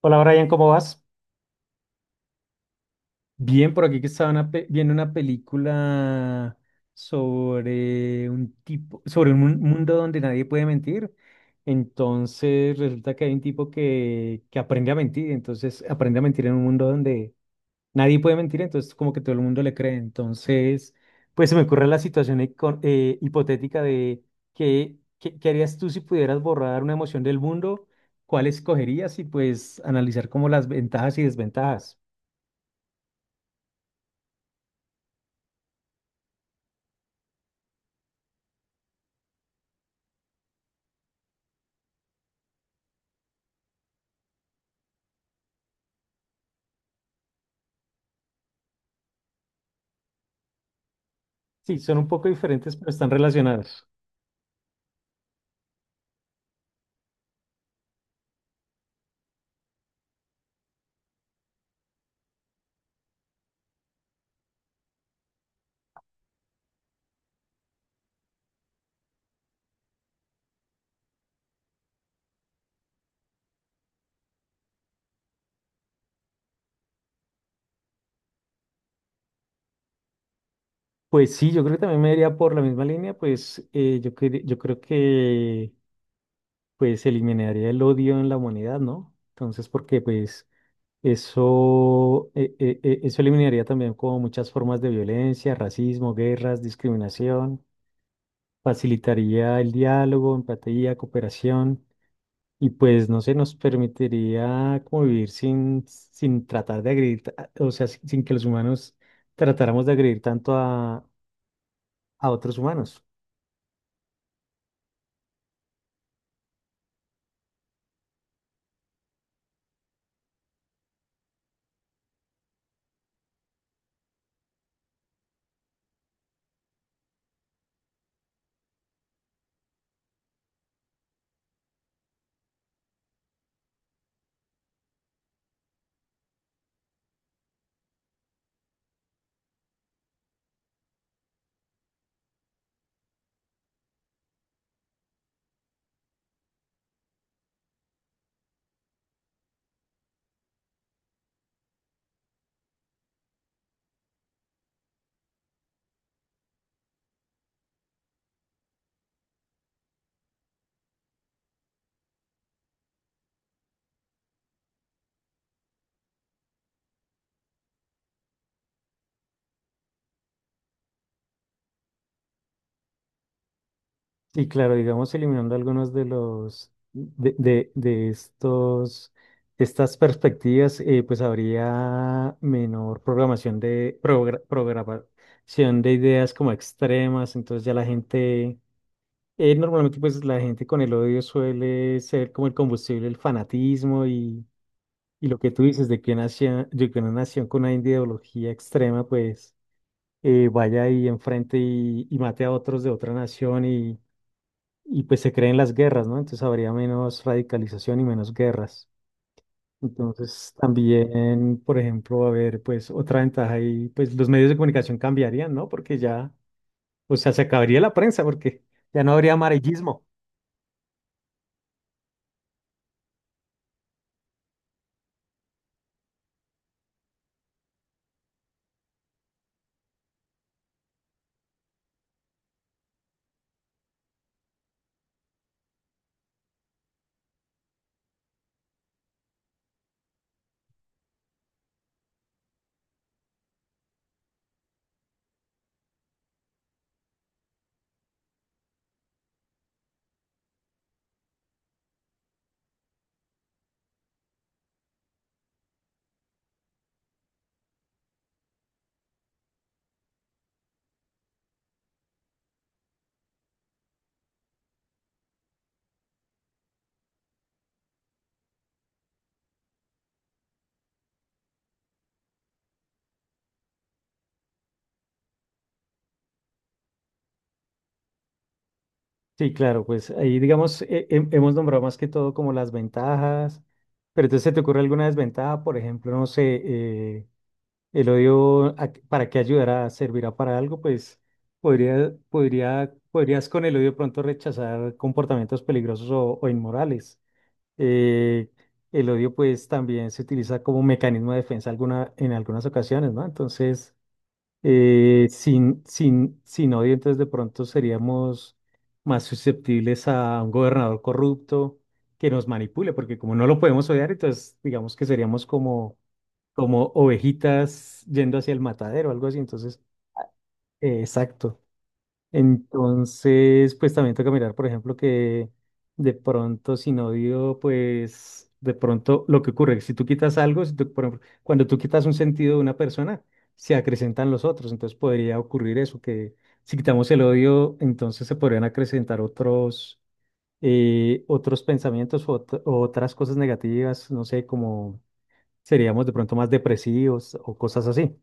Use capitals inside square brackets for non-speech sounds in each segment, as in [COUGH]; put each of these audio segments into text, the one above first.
Hola Brian, ¿cómo vas? Bien, por aquí que estaba viendo una película sobre un tipo, sobre un mundo donde nadie puede mentir. Entonces resulta que hay un tipo que aprende a mentir, entonces aprende a mentir en un mundo donde nadie puede mentir, entonces como que todo el mundo le cree. Entonces, pues se me ocurre la situación hipotética de qué harías tú si pudieras borrar una emoción del mundo, cuál escogerías y pues analizar como las ventajas y desventajas. Sí, son un poco diferentes, pero están relacionadas. Pues sí, yo creo que también me iría por la misma línea, pues yo, yo creo que pues eliminaría el odio en la humanidad, ¿no? Entonces, porque pues eso, eso eliminaría también como muchas formas de violencia, racismo, guerras, discriminación, facilitaría el diálogo, empatía, cooperación. Y pues no sé, nos permitiría como vivir sin tratar de agredir, o sea, sin que los humanos tratáramos de agredir tanto a otros humanos. Y claro, digamos, eliminando algunos de estos, de estas perspectivas, pues habría menor programación de programación de ideas como extremas, entonces ya la gente... normalmente pues la gente con el odio suele ser como el combustible, el fanatismo. Y lo que tú dices una nación de que una nación con una ideología extrema, pues vaya ahí enfrente y mate a otros de otra nación y pues se creen las guerras, ¿no? Entonces habría menos radicalización y menos guerras. Entonces también, por ejemplo, va a haber pues otra ventaja y pues los medios de comunicación cambiarían, ¿no? Porque ya, o sea, se acabaría la prensa porque ya no habría amarillismo. Sí, claro, pues ahí digamos, hemos nombrado más que todo como las ventajas, pero entonces ¿se te ocurre alguna desventaja? Por ejemplo, no sé, el odio, ¿para qué ayudará? ¿Servirá para algo? Pues podrías con el odio de pronto rechazar comportamientos peligrosos o inmorales. Eh, el odio pues también se utiliza como mecanismo de defensa alguna, en algunas ocasiones, ¿no? Entonces... Sin odio, entonces de pronto seríamos más susceptibles a un gobernador corrupto que nos manipule, porque como no lo podemos odiar, entonces digamos que seríamos como, como ovejitas yendo hacia el matadero, algo así. Entonces, exacto. Entonces, pues también toca mirar, por ejemplo, que de pronto sin odio, pues de pronto lo que ocurre, si tú quitas algo, si tú- por ejemplo, cuando tú quitas un sentido de una persona, se acrecentan los otros, entonces podría ocurrir eso, que si quitamos el odio, entonces se podrían acrecentar otros, otros pensamientos o o otras cosas negativas, no sé, como seríamos de pronto más depresivos o cosas así.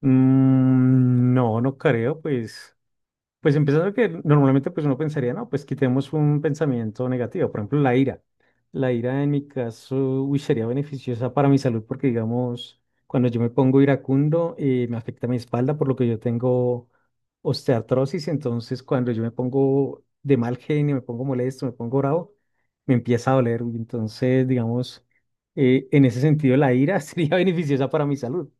Mm, no, no creo, pues. Pues empezando que normalmente pues uno pensaría, no, pues quitemos un pensamiento negativo, por ejemplo, la ira. La ira en mi caso, uy, sería beneficiosa para mi salud porque digamos, cuando yo me pongo iracundo, me afecta mi espalda por lo que yo tengo osteoartrosis, entonces cuando yo me pongo de mal genio, me pongo molesto, me pongo bravo, me empieza a doler, uy, entonces digamos, en ese sentido la ira [LAUGHS] sería beneficiosa para mi salud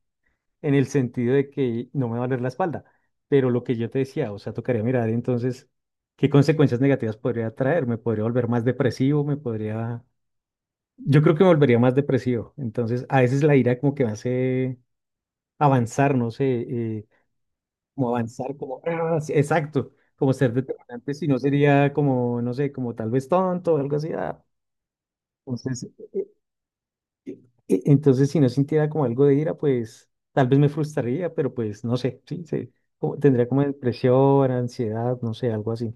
en el sentido de que no me va a doler la espalda. Pero lo que yo te decía, o sea, tocaría mirar entonces qué consecuencias negativas podría traer. Me podría volver más depresivo, me podría... Yo creo que me volvería más depresivo. Entonces, a veces la ira como que me hace avanzar, no sé, como avanzar, como... "Ah", sí, exacto, como ser determinante, si no sería como, no sé, como tal vez tonto o algo así, ah. Entonces, E- entonces, si no sintiera como algo de ira, pues tal vez me frustraría, pero pues no sé, sí, sí, tendría como depresión, ansiedad, no sé, algo así.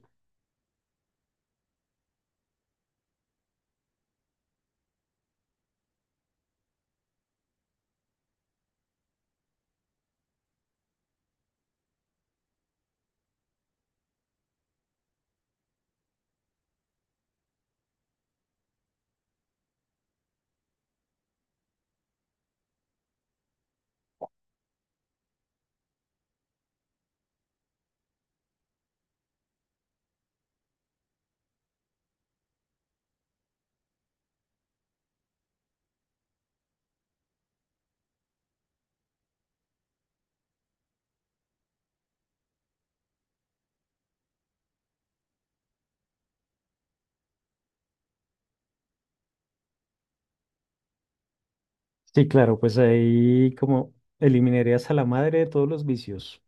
Sí, claro, pues ahí como eliminarías a la madre de todos los vicios,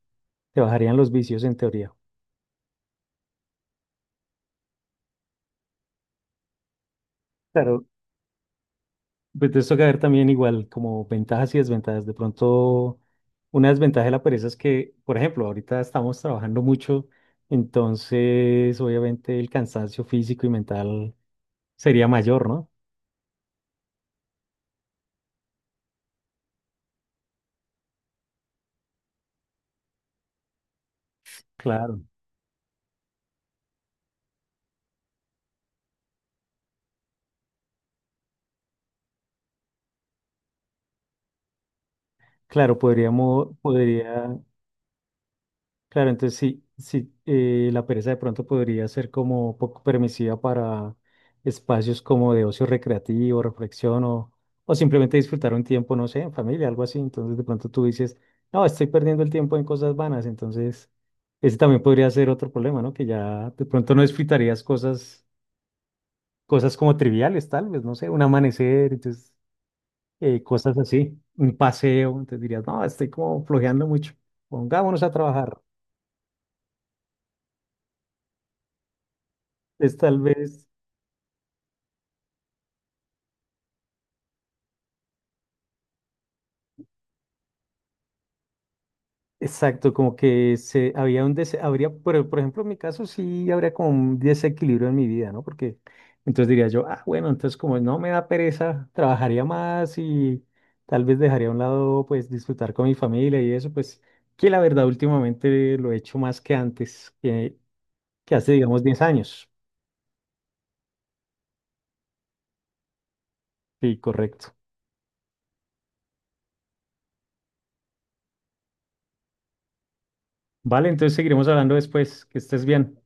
te bajarían los vicios en teoría. Claro. Pues te toca ver también igual como ventajas y desventajas. De pronto, una desventaja de la pereza es que, por ejemplo, ahorita estamos trabajando mucho, entonces obviamente el cansancio físico y mental sería mayor, ¿no? Claro. Claro, claro, entonces sí, sí, la pereza de pronto podría ser como poco permisiva para espacios como de ocio recreativo, reflexión o simplemente disfrutar un tiempo, no sé, en familia, algo así. Entonces de pronto tú dices, no, estoy perdiendo el tiempo en cosas vanas. Entonces ese también podría ser otro problema, ¿no? Que ya de pronto no disfrutarías cosas, cosas como triviales, tal vez, no sé, un amanecer, entonces cosas así, un paseo, entonces dirías, no, estoy como flojeando mucho, pongámonos a trabajar. Es tal vez, exacto, como que se, habría, por ejemplo, en mi caso sí habría como un desequilibrio en mi vida, ¿no? Porque entonces diría yo, ah, bueno, entonces como no me da pereza, trabajaría más y tal vez dejaría a un lado, pues, disfrutar con mi familia y eso, pues, que la verdad últimamente lo he hecho más que antes, que hace, digamos, 10 años. Sí, correcto. Vale, entonces seguiremos hablando después. Que estés bien.